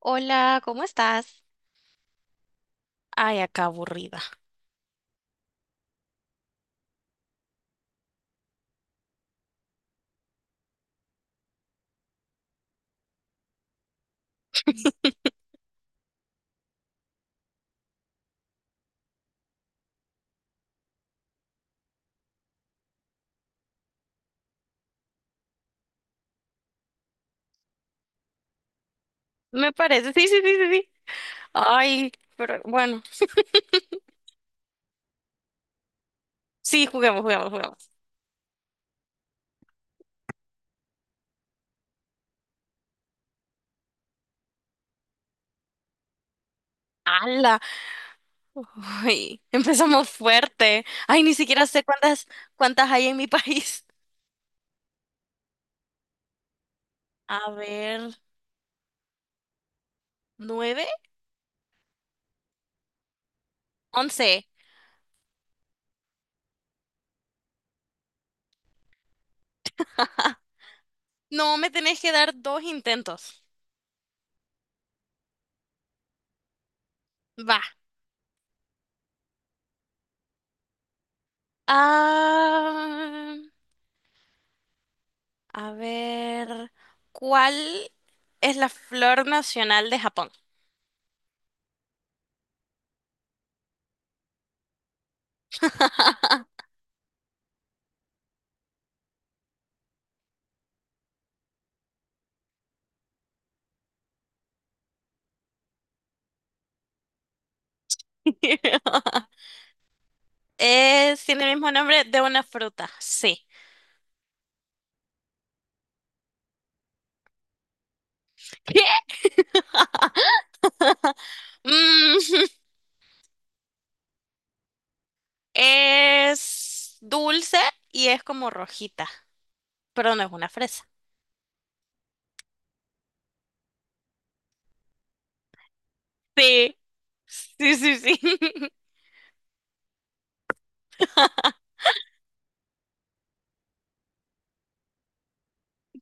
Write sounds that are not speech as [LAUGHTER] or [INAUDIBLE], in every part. Hola, ¿cómo estás? Ay, acá aburrida. Me parece. Sí, sí, sí, sí, sí. Ay, pero bueno. Sí, juguemos, juguemos, juguemos. ¡Hala! Uy, [LAUGHS] empezamos fuerte. Ay, ni siquiera sé cuántas, cuántas hay en mi país. [LAUGHS] A ver, ¿nueve? Once. No, me tenés que dar dos intentos. Va. Ah, a ver, ¿cuál es la flor nacional de Japón? [LAUGHS] Es, tiene el mismo nombre de una fruta, sí. ¿Qué? Mm, es dulce y es como rojita, pero no es una fresa. Sí, sí, sí, sí. [LAUGHS]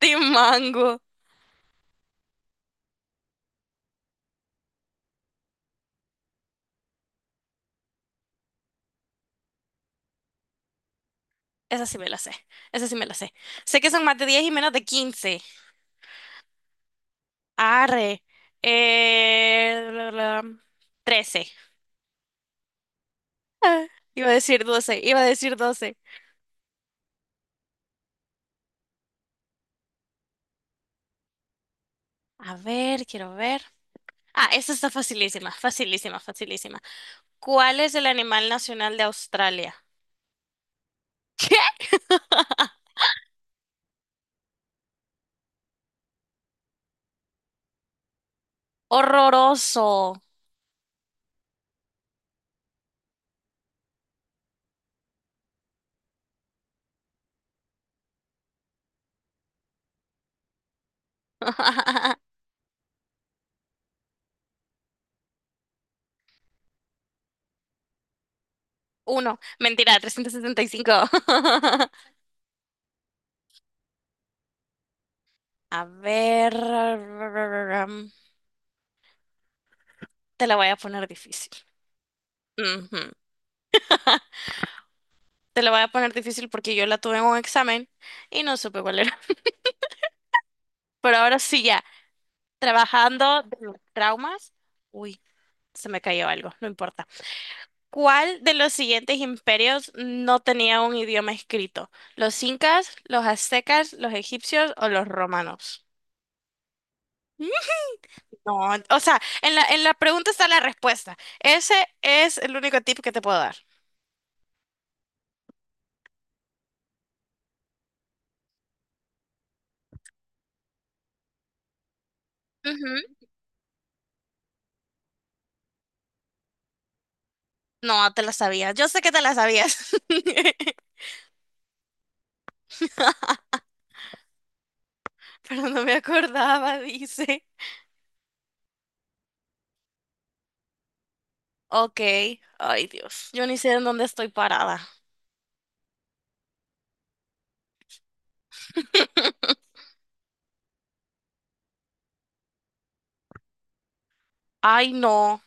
De mango. Esa sí me la sé, esa sí me la sé. Sé que son más de 10 y menos de 15. Arre. La 13. Iba a decir 12. Iba a decir 12. A ver, quiero ver. Ah, esta está facilísima, facilísima, facilísima. ¿Cuál es el animal nacional de Australia? ¡Qué horroroso! [LAUGHS] Uno, mentira, trescientos setenta y cinco. [LAUGHS] A ver, mm, te la voy a poner difícil. Ujú. Te la voy a poner difícil porque yo la tuve en un examen y no supe cuál era. [LAUGHS] Pero ahora sí ya, trabajando de los traumas. Uy, se me cayó algo, no importa. ¿Cuál de los siguientes imperios no tenía un idioma escrito? ¿Los incas, los aztecas, los egipcios o los romanos? ¿Mm? No, o sea, en la pregunta está la respuesta. Ese es el único tip que te puedo dar. Ujú. No, te la sabías. Yo sé que te la sabías. [LAUGHS] Pero no me acordaba, dice. Ok. Ay, Dios. Yo ni sé en dónde estoy parada. [LAUGHS] Ay, no.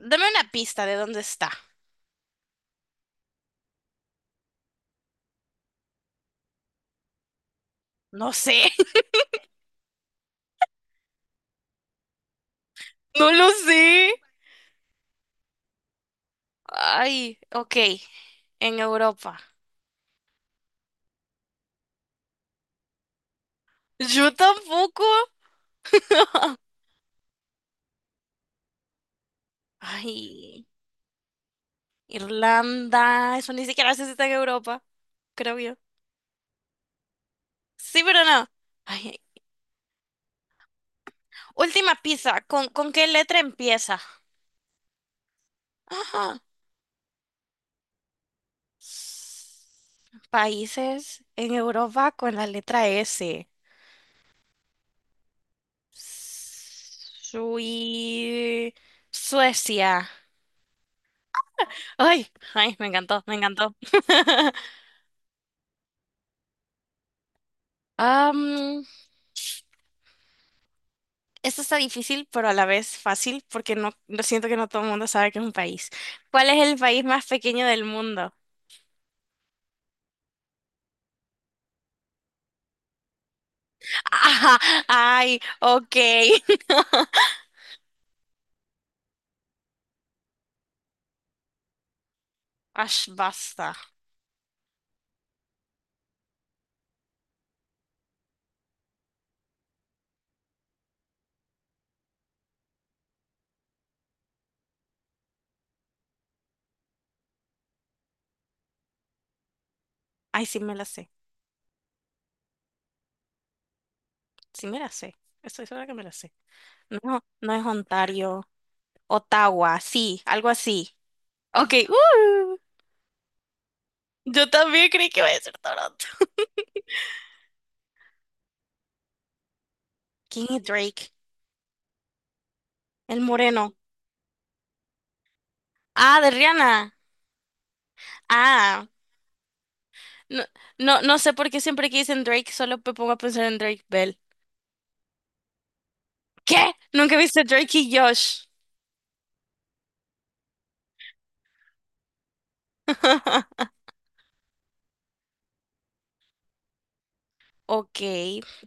Dame una pista de dónde está. No sé. [LAUGHS] No lo sé. Ay, ok, en Europa. Yo tampoco. [LAUGHS] Ay, Irlanda, eso ni siquiera sé si está en Europa, creo yo. Sí, pero no. Ay, última pizza, con qué letra empieza? Ajá. Países en Europa con la letra S. Sui... Suecia. Ay, ay, me encantó, me encantó. Am, Esto está difícil, pero a la vez fácil, porque no, lo siento que no todo el mundo sabe que es un país. ¿Cuál es el país más pequeño del mundo? [LAUGHS] Ajá, ay, ok. [LAUGHS] Ash, basta. Ay, sí me la sé. Sí me la sé. Estoy segura que me la sé. No, no es Ontario. Ottawa, sí, algo así. Ok, uh, yo también creí que iba a decir Toronto. ¿Quién es Drake? El moreno. Ah, de Rihanna. Ah, no, no, no sé por qué siempre que dicen Drake solo me pongo a pensar en Drake Bell. ¿Qué? ¿Nunca viste Drake y Josh? [LAUGHS] Ok.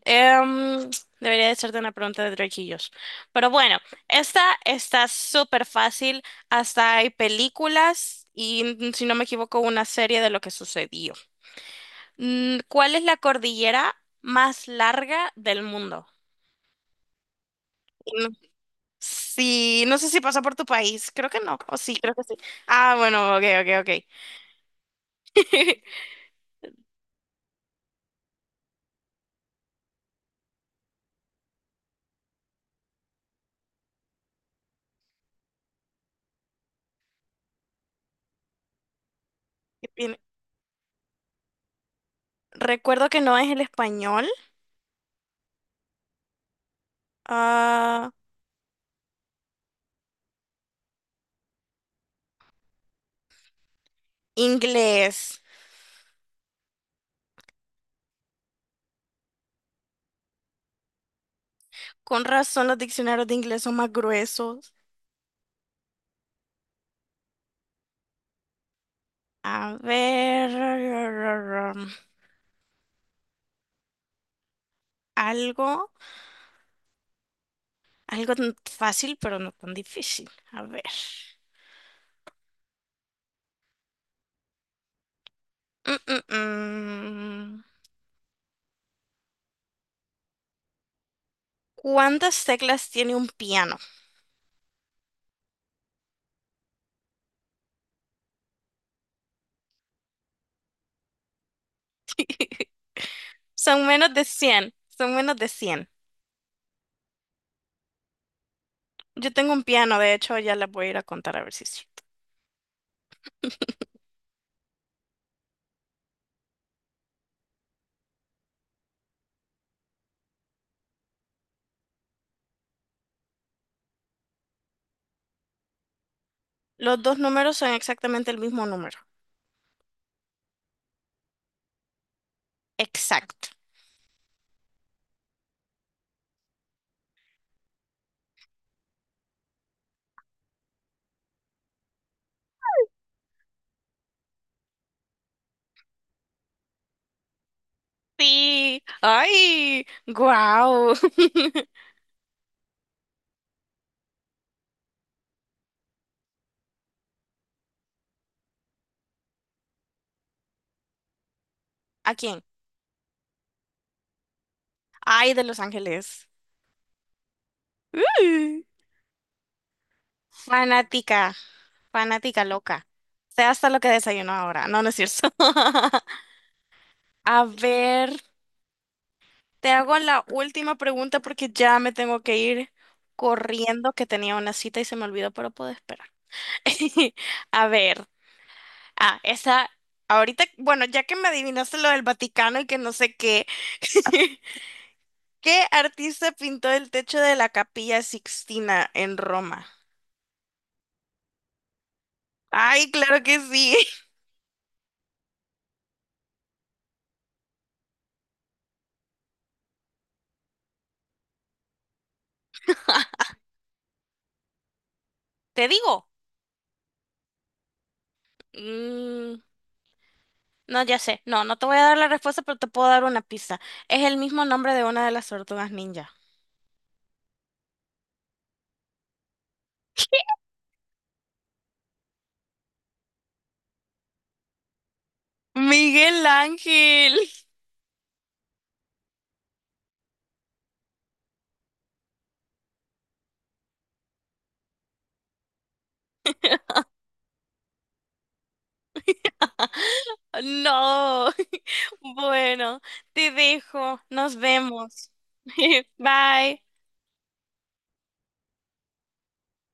Em, debería de hacerte una pregunta de Drake y Josh. Pero bueno, esta está súper fácil. Hasta hay películas y, si no me equivoco, una serie de lo que sucedió. ¿Cuál es la cordillera más larga del mundo? Y no- Sí, no sé si pasa por tu país. Creo que no. O sí, creo que sí. Ah, bueno, ok, ok, ok. [LAUGHS] Bien, recuerdo que no es el español. Ah, Inglés. Con razón los diccionarios de inglés son más gruesos. A ver, algo, algo tan fácil, pero no tan difícil. A ver. Mm, mm, mm. ¿Cuántas teclas tiene un piano? Son menos de cien. Son menos de cien. Yo tengo un piano, de hecho, ya las voy a ir a contar a ver si es cierto. Los dos números son exactamente el mismo número. Exacto. Sí. ¡Ay! ¡Guau! [LAUGHS] ¿A quién? Ay, de Los Ángeles. Ay, fanática, fanática loca. Sé hasta lo que desayuno ahora. No, no es cierto. [LAUGHS] A ver, te hago la última pregunta porque ya me tengo que ir corriendo, que tenía una cita y se me olvidó, pero puedo esperar. [LAUGHS] A ver, ah, esa, ahorita, bueno, ya que me adivinaste lo del Vaticano y que no sé qué, [LAUGHS] ¿qué artista pintó el techo de la Capilla Sixtina en Roma? Ay, claro que sí. [LAUGHS] Te digo. Mm, no, ya sé. No, no te voy a dar la respuesta, pero te puedo dar una pista. Es el mismo nombre de una de las tortugas ninja. Miguel Ángel. [LAUGHS] No. [LAUGHS] Bueno, te dejo. Nos vemos. [LAUGHS] Bye.